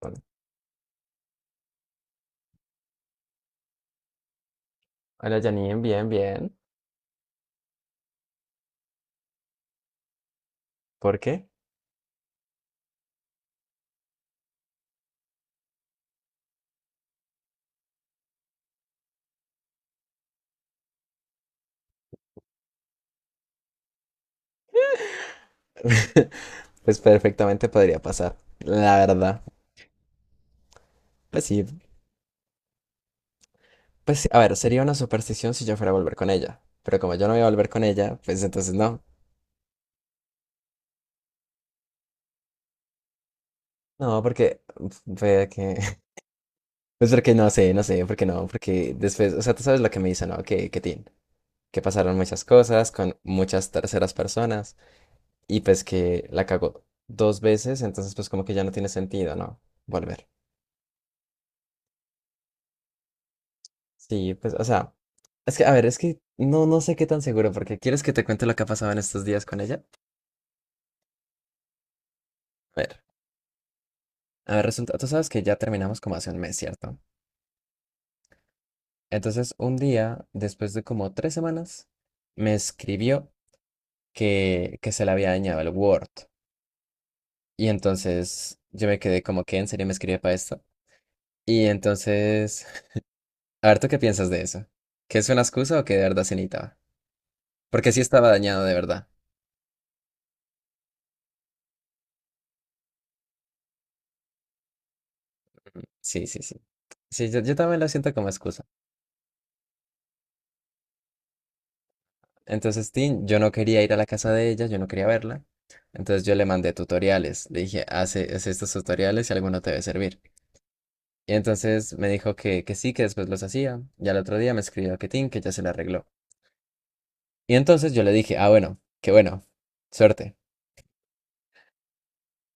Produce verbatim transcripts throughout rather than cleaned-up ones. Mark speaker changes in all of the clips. Speaker 1: Hola, hola, Janine, bien, bien. ¿Por qué? Pues perfectamente podría pasar, la verdad. Pues sí, pues sí. A ver, sería una superstición si yo fuera a volver con ella. Pero como yo no voy a volver con ella, pues entonces no. No, porque, fue que, pues porque no sé, no sé, porque no, porque después, o sea, tú sabes lo que me dice, ¿no? Que, que tin, que pasaron muchas cosas con muchas terceras personas y pues que la cagó dos veces, entonces pues como que ya no tiene sentido, ¿no? Volver. Sí, pues, o sea, es que, a ver, es que no, no sé qué tan seguro, porque ¿quieres que te cuente lo que ha pasado en estos días con ella? A ver, a ver, resulta, tú sabes que ya terminamos como hace un mes, ¿cierto? Entonces, un día, después de como tres semanas, me escribió que, que se le había dañado el Word. Y entonces yo me quedé como que en serio me escribe para esto. Y entonces, a ver, ¿tú qué piensas de eso? ¿Que es una excusa o que de verdad se necesitaba? Porque sí estaba dañado de verdad. Sí, sí, sí. Sí, yo, yo también lo siento como excusa. Entonces, Tin, yo no quería ir a la casa de ella, yo no quería verla. Entonces yo le mandé tutoriales, le dije, hace, haz estos tutoriales y alguno te debe servir. Y entonces me dijo que, que sí, que después los hacía. Y al otro día me escribió que Tin, que ya se le arregló. Y entonces yo le dije, ah, bueno, qué bueno, suerte.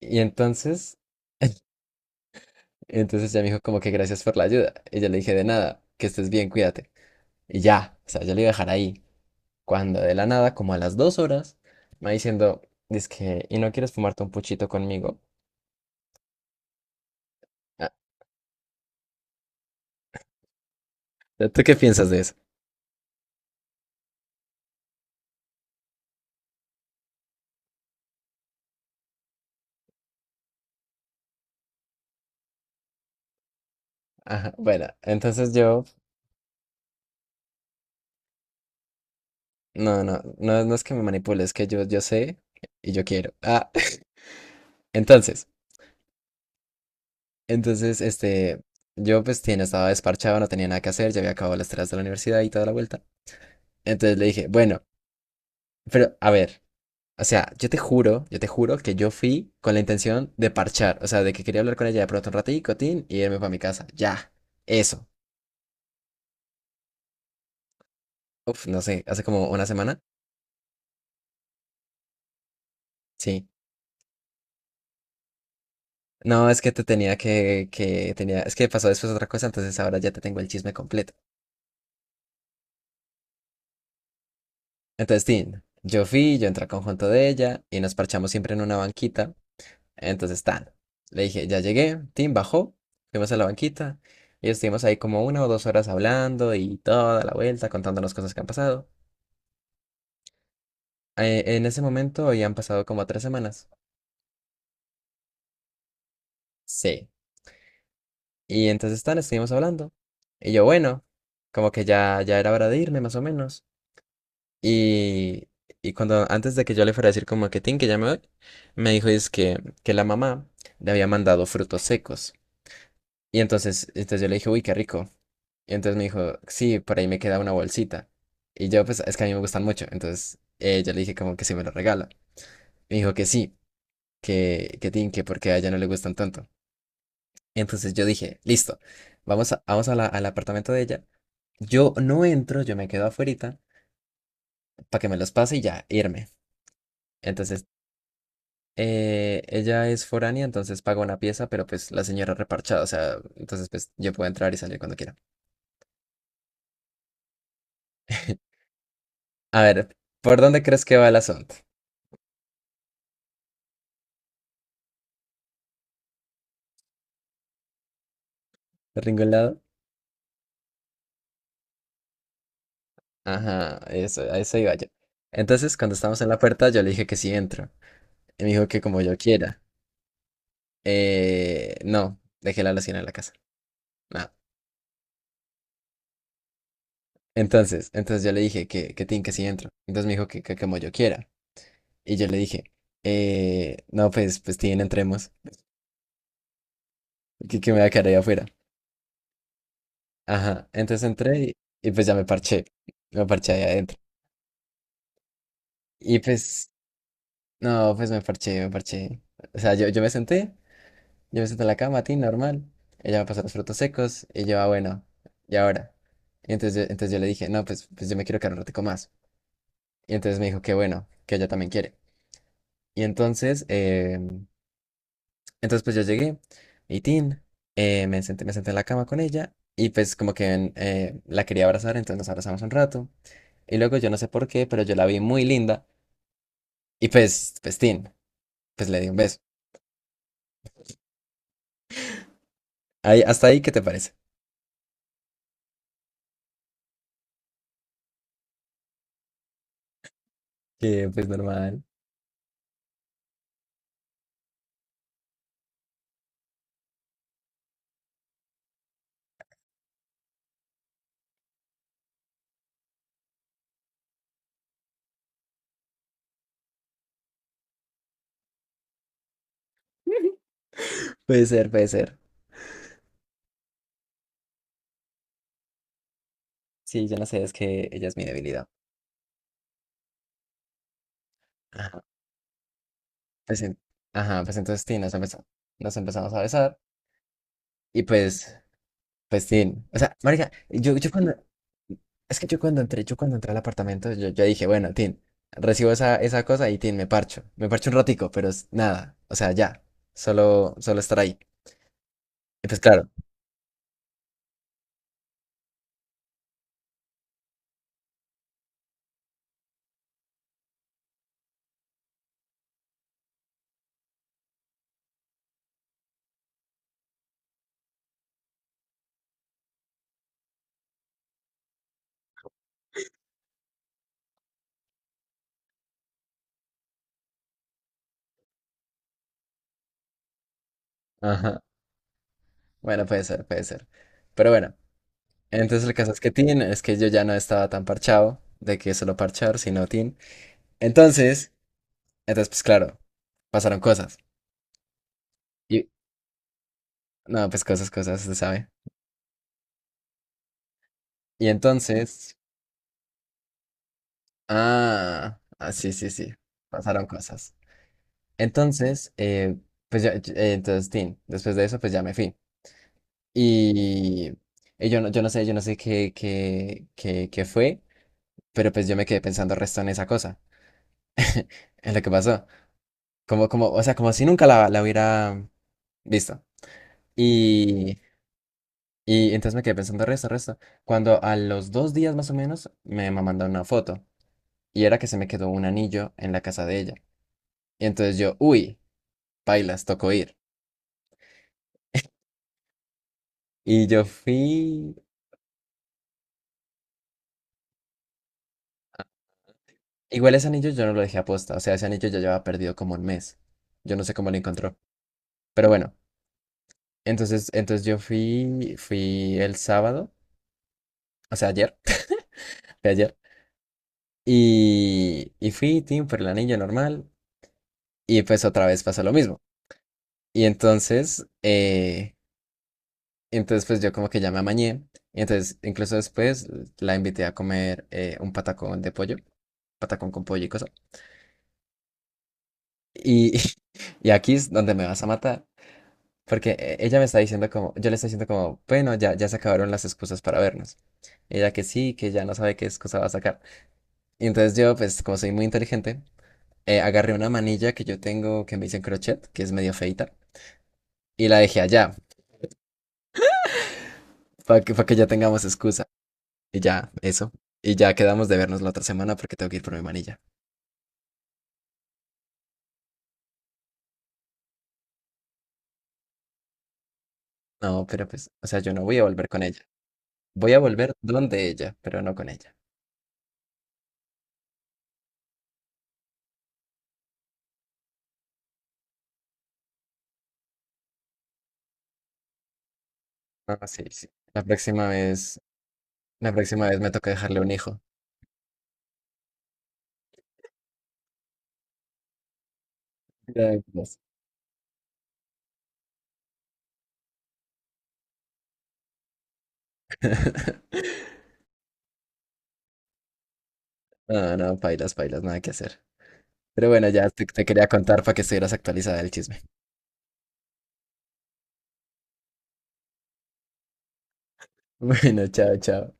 Speaker 1: Y entonces, entonces ya me dijo como que gracias por la ayuda. Y yo le dije, de nada, que estés bien, cuídate. Y ya, o sea, yo le iba a dejar ahí. Cuando de la nada, como a las dos horas, me va diciendo, dice que, ¿y no quieres fumarte un puchito conmigo? Ah, ¿tú qué piensas de eso? Ajá, bueno, entonces yo, no, no, no, no es que me manipule, es que yo, yo sé y yo quiero. Ah, entonces, entonces, este, yo pues tiene, estaba desparchado, no tenía nada que hacer, ya había acabado las tareas de la universidad y toda la vuelta. Entonces le dije, bueno, pero a ver, o sea, yo te juro, yo te juro que yo fui con la intención de parchar, o sea, de que quería hablar con ella de pronto un ratito, tin, y irme para mi casa, ya, eso. Uf, no sé, hace como una semana, sí. No, es que te tenía que, que tenía, es que pasó después otra cosa, entonces ahora ya te tengo el chisme completo. Entonces, Tin, yo fui, yo entré al conjunto de ella y nos parchamos siempre en una banquita. Entonces, tan, le dije, ya llegué, Tin bajó, fuimos a la banquita y estuvimos ahí como una o dos horas hablando y toda la vuelta contándonos cosas que han pasado. Eh, en ese momento ya han pasado como tres semanas. Sí. Y entonces, tan, estuvimos hablando. Y yo, bueno, como que ya, ya era hora de irme más o menos. Y, y cuando antes de que yo le fuera a decir como que tin, que ya me voy, me dijo es que, que la mamá le había mandado frutos secos. Y entonces, entonces yo le dije, uy, qué rico. Y entonces me dijo, sí, por ahí me queda una bolsita. Y yo, pues, es que a mí me gustan mucho. Entonces eh, yo le dije como que si me lo regala. Me dijo que sí, que, que tin, que porque a ella no le gustan tanto. Entonces yo dije, listo, vamos, a- vamos a la- al apartamento de ella. Yo no entro, yo me quedo afuerita para que me los pase y ya, irme. Entonces Eh, ella es foránea, entonces paga una pieza, pero pues la señora reparchada, o sea, entonces pues yo puedo entrar y salir cuando quiera. A ver, ¿por dónde crees que va el asunto? ¿Por ningún lado? Ajá, eso, a eso iba yo. Entonces, cuando estábamos en la puerta, yo le dije que sí entro. Y me dijo que como yo quiera. Eh, no, dejé la loción en la casa. No. Entonces, entonces yo le dije que, que tin, que sí entro. Entonces me dijo que, que como yo quiera. Y yo le dije, eh, no, pues, pues tin, entremos. Que, que me voy a quedar ahí afuera. Ajá, entonces entré y, y pues ya me parché, me parché ahí adentro. Y pues, no, pues me parché, me parché. O sea, yo, yo me senté, yo me senté en la cama, a ti, normal. Ella me pasó los frutos secos y yo, ah, bueno, ¿y ahora? Y entonces, yo- entonces yo le dije, no, pues, pues yo me quiero quedar un ratico más. Y entonces me dijo que bueno, que ella también quiere. Y entonces, eh, entonces pues yo llegué y tin, eh, me senté, me senté en la cama con ella y pues como que eh, la quería abrazar, entonces nos abrazamos un rato. Y luego yo no sé por qué, pero yo la vi muy linda. Y pues, pues, tin, pues le di un beso. Ahí, hasta ahí, ¿qué te parece? Que pues normal. Puede ser, puede ser. Sí, yo no sé, es que ella es mi debilidad. Ajá. Pues, en- ajá, pues entonces, tin, nos empezamos, nos empezamos a besar. Y pues, pues, tin. O sea, marica, yo, yo cuando, es que yo cuando entré, yo cuando entré al apartamento, yo, yo dije, bueno, tin, recibo esa, esa cosa y tin, me parcho. Me parcho un ratico, pero es nada. O sea, ya. Solo, solo estar ahí. Y pues claro. Ajá. Bueno, puede ser, puede ser. Pero bueno, entonces el caso es que Tin, es que yo ya no estaba tan parchado de que solo parchar, sino Tin. Entonces, entonces, pues claro, pasaron cosas. Y, no, pues cosas, cosas, se sabe. Y entonces, ah, ah, sí, sí, sí, pasaron cosas. Entonces, eh, pues ya, yo- eh, entonces Tin, después de eso, pues ya me fui. Y, y yo no, yo no sé, yo no sé qué, qué, qué, qué fue, pero pues yo me quedé pensando resto en esa cosa, en lo que pasó. Como, como, o sea, como si nunca la, la hubiera visto. Y, y entonces me quedé pensando, resto, resto. Cuando a los dos días más o menos me ma- mandó una foto y era que se me quedó un anillo en la casa de ella. Y entonces yo, uy, pailas, tocó ir. Y yo fui. Igual ese anillo yo no lo dejé aposta, o sea, ese anillo ya llevaba perdido como un mes. Yo no sé cómo lo encontró. Pero bueno, entonces, entonces yo fui, fui el sábado, o sea, ayer, de ayer. Y, y fui, Tim, por el anillo normal. Y pues otra vez pasó lo mismo. Y entonces, eh, entonces pues yo como que ya me amañé. Y entonces, incluso después la invité a comer eh, un patacón de pollo, patacón con pollo y cosa. Y, y aquí es donde me vas a matar. Porque eh, ella me está diciendo como, yo le estoy diciendo como, bueno, ya, ya se acabaron las excusas para vernos. Ella que sí, que ya no sabe qué excusa va a sacar. Y entonces yo, pues como soy muy inteligente, eh, agarré una manilla que yo tengo que me dicen crochet, que es medio feita, y la dejé allá, para que, para que ya tengamos excusa. Y ya, eso. Y ya quedamos de vernos la otra semana porque tengo que ir por mi manilla. No, pero pues, o sea, yo no voy a volver con ella. Voy a volver donde ella, pero no con ella. Ah, sí, sí. La próxima vez, la próxima vez me toca dejarle un hijo. Ya, pues. No, no, pailas, pailas, nada que hacer. Pero bueno, ya te, te quería contar para que estuvieras actualizada del chisme. Bueno, chao, chao.